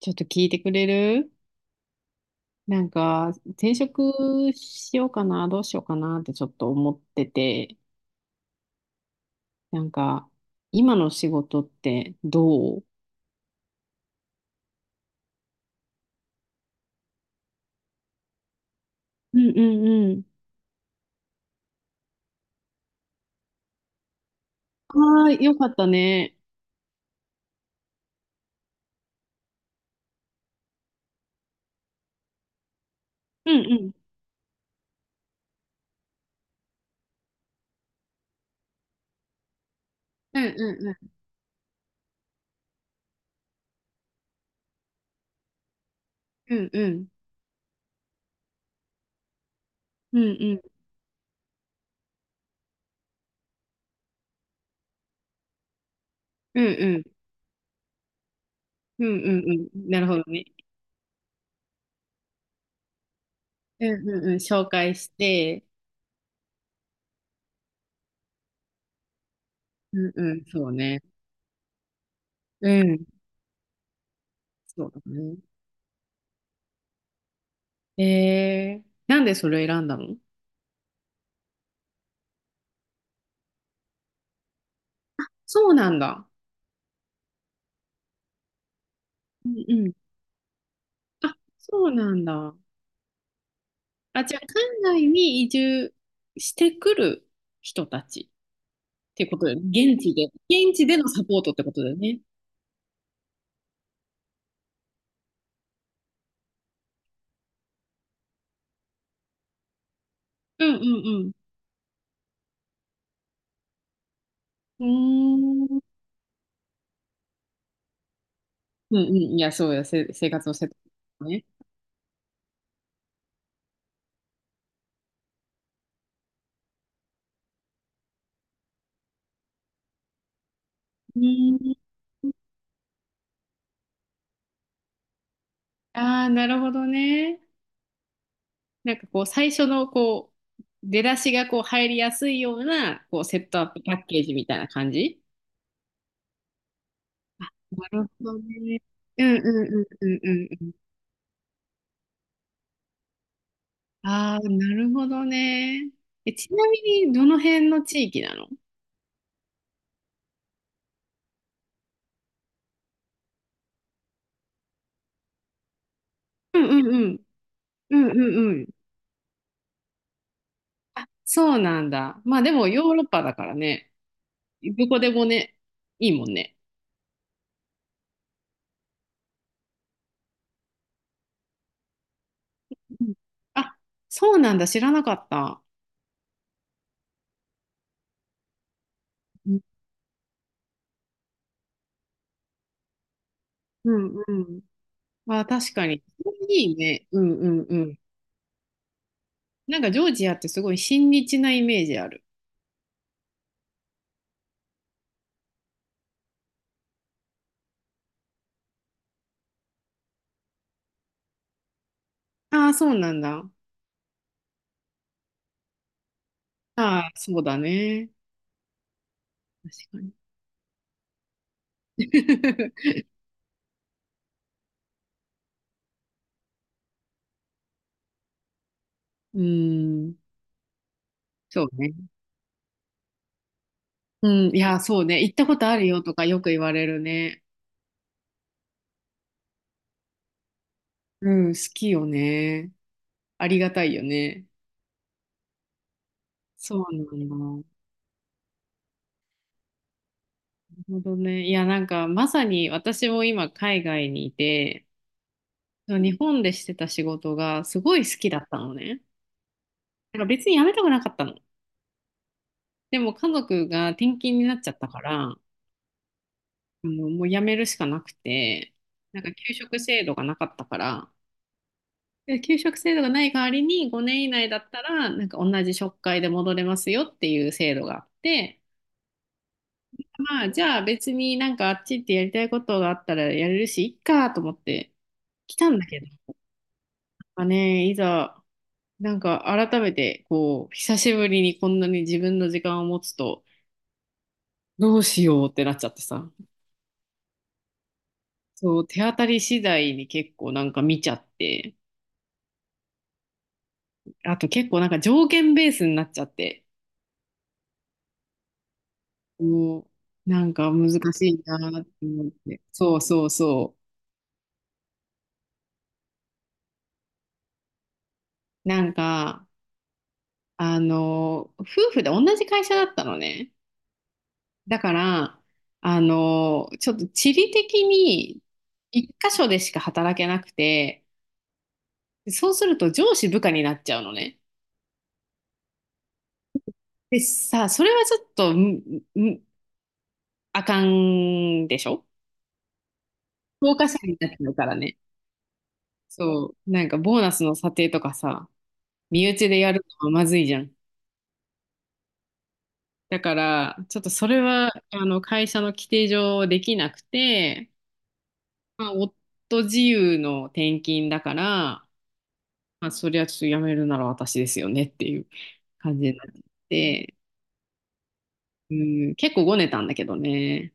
ちょっと聞いてくれる？なんか、転職しようかな、どうしようかなってちょっと思ってて、なんか、今の仕事ってどう？うんうんうん。ああ、よかったね。うんうん。うんうんうん。うんうん。うんうん。うんうんうん。うん。なるほどね。うんうんうん。紹介して、うんうん、そうね。うん。そうだね。えー、なんでそれ選んだの？そうなんだ。うんうん。あ、そうなんだ。あ、じゃあ、海外に移住してくる人たちっていうことだよね。現地で。現地でのサポートってことだよね。うんうんうん。うーん。うんうん。いや、そうや、生活のセットね。うーん。ああ、なるほどね。なんかこう、最初のこう、出だしがこう入りやすいような、こう、セットアップパッケージみたいな感じ。なるほどね。うんうんうんうんうんうん。ああ、なるほどね。え、ちなみに、どの辺の地域なの？うんうんうん。うんうんうん。そうなんだ。まあでもヨーロッパだからね。どこでもね、いいもんね。うん。あ、そうなんだ。知らなかった。うんうんうん。まあ確かに。いいね。うんうんうん。なんかジョージアってすごい親日なイメージある。ああ、そうなんだ。ああ、そうだね。確かに。うーん。そうね。うん、いや、そうね。行ったことあるよとかよく言われるね。うん、好きよね。ありがたいよね。そうなんだ。なるほどね。いや、なんか、まさに私も今、海外にいて、その日本でしてた仕事がすごい好きだったのね。なんか別に辞めたくなかったの。でも、家族が転勤になっちゃったから、もう辞めるしかなくて、なんか、給食制度がなかったから、で給食制度がない代わりに5年以内だったらなんか同じ職会で戻れますよっていう制度があって。まあじゃあ別になんかあっち行ってやりたいことがあったらやれるしいっかと思って来たんだけど、まあね、いざなんか改めてこう久しぶりにこんなに自分の時間を持つとどうしようってなっちゃってさ。そう手当たり次第に結構なんか見ちゃって、あと結構なんか条件ベースになっちゃって。もうなんか難しいなって思って。そうそうそう。なんか、夫婦で同じ会社だったのね。だから、ちょっと地理的に一箇所でしか働けなくて、そうすると上司部下になっちゃうのね。でさ、それはちょっと、んあかんでしょ。評価者になっちゃうからね。そう。なんかボーナスの査定とかさ、身内でやるのはまずいじゃん。だから、ちょっとそれは、会社の規定上できなくて、まあ、夫自由の転勤だから、まあ、そりゃちょっと辞めるなら私ですよねっていう感じになって、うん、結構ごねたんだけどね。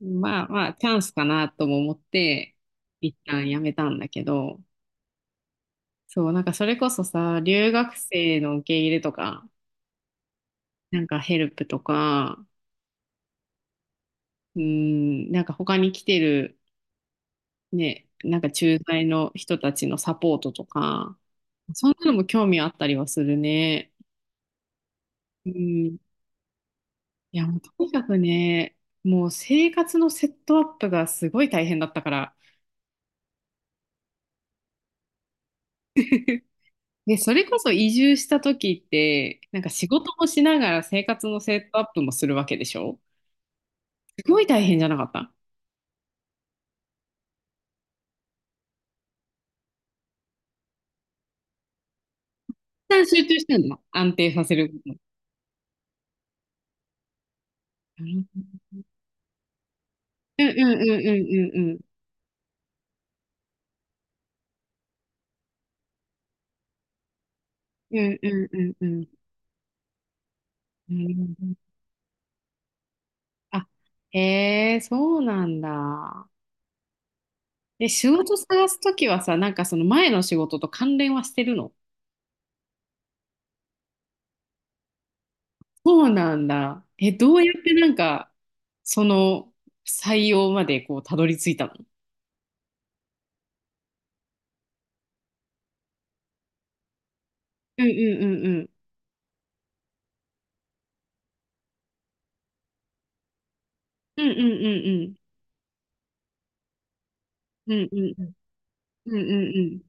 まあまあ、チャンスかなとも思って、一旦辞めたんだけど、そう、なんかそれこそさ、留学生の受け入れとか、なんかヘルプとか、うん、なんか他に来てる、ね、なんか駐在の人たちのサポートとか、そんなのも興味あったりはするね。うん。いや、もうとにかくね、もう生活のセットアップがすごい大変だったから。で、それこそ移住した時って、なんか仕事もしながら生活のセットアップもするわけでしょ？すごい大変じゃなかった？一旦集中してんの安定させること。うんうんうんうんうんうんうんうんうんうんうん。あ、へえ、そうなんだ。で、仕事探すときはさ、なんかその前の仕事と関連はしてるの？そうなんだ。え、どうやってなんか、その採用までこう、たどり着いたの？うんうんうんうん。うんうんうんうん。うんうんうん。うんうんうん。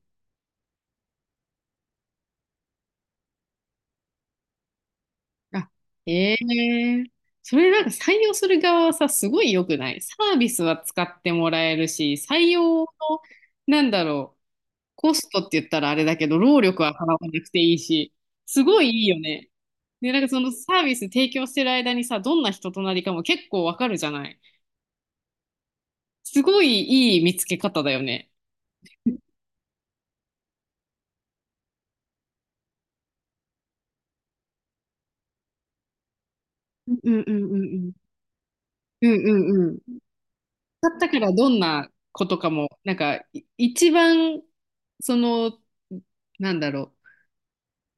あ、ええ。それなんか採用する側はさ、すごい良くないサービスは使ってもらえるし、採用の、なんだろう。コストって言ったらあれだけど、労力は払わなくていいし、すごいいいよね。で、なんかそのサービス提供してる間にさ、どんな人となりかも結構わかるじゃない？すごいいい見つけ方だよね。うんうんうんうんうんうんうんうん。かったからどんなことかもなんか一番そのなんだろ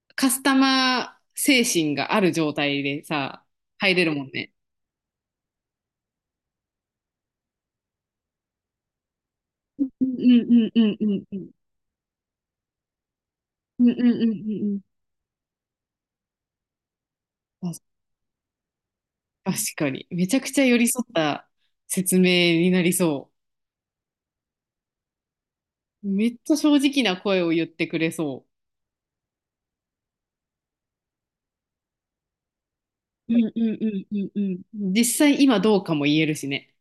う、カスタマー精神がある状態でさ、入れるもんね。うんうんうんうんうんうんうんうんうんうんうん。確かに。めちゃくちゃ寄り添った説明になりそう。めっちゃ正直な声を言ってくれそう。うんうんうんうんうん。実際今どうかも言えるしね。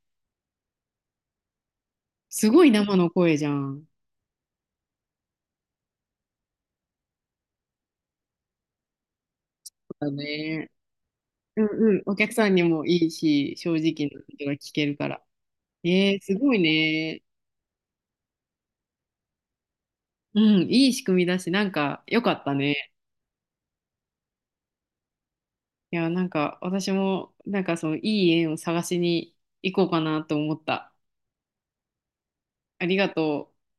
すごい生の声じゃん。そうだね。うんうん。お客さんにもいいし、正直なことが聞けるから。えー、すごいね。うん、いい仕組みだし、なんか良かったね。いや、なんか私も、なんかそのいい縁を探しに行こうかなと思った。ありがとう。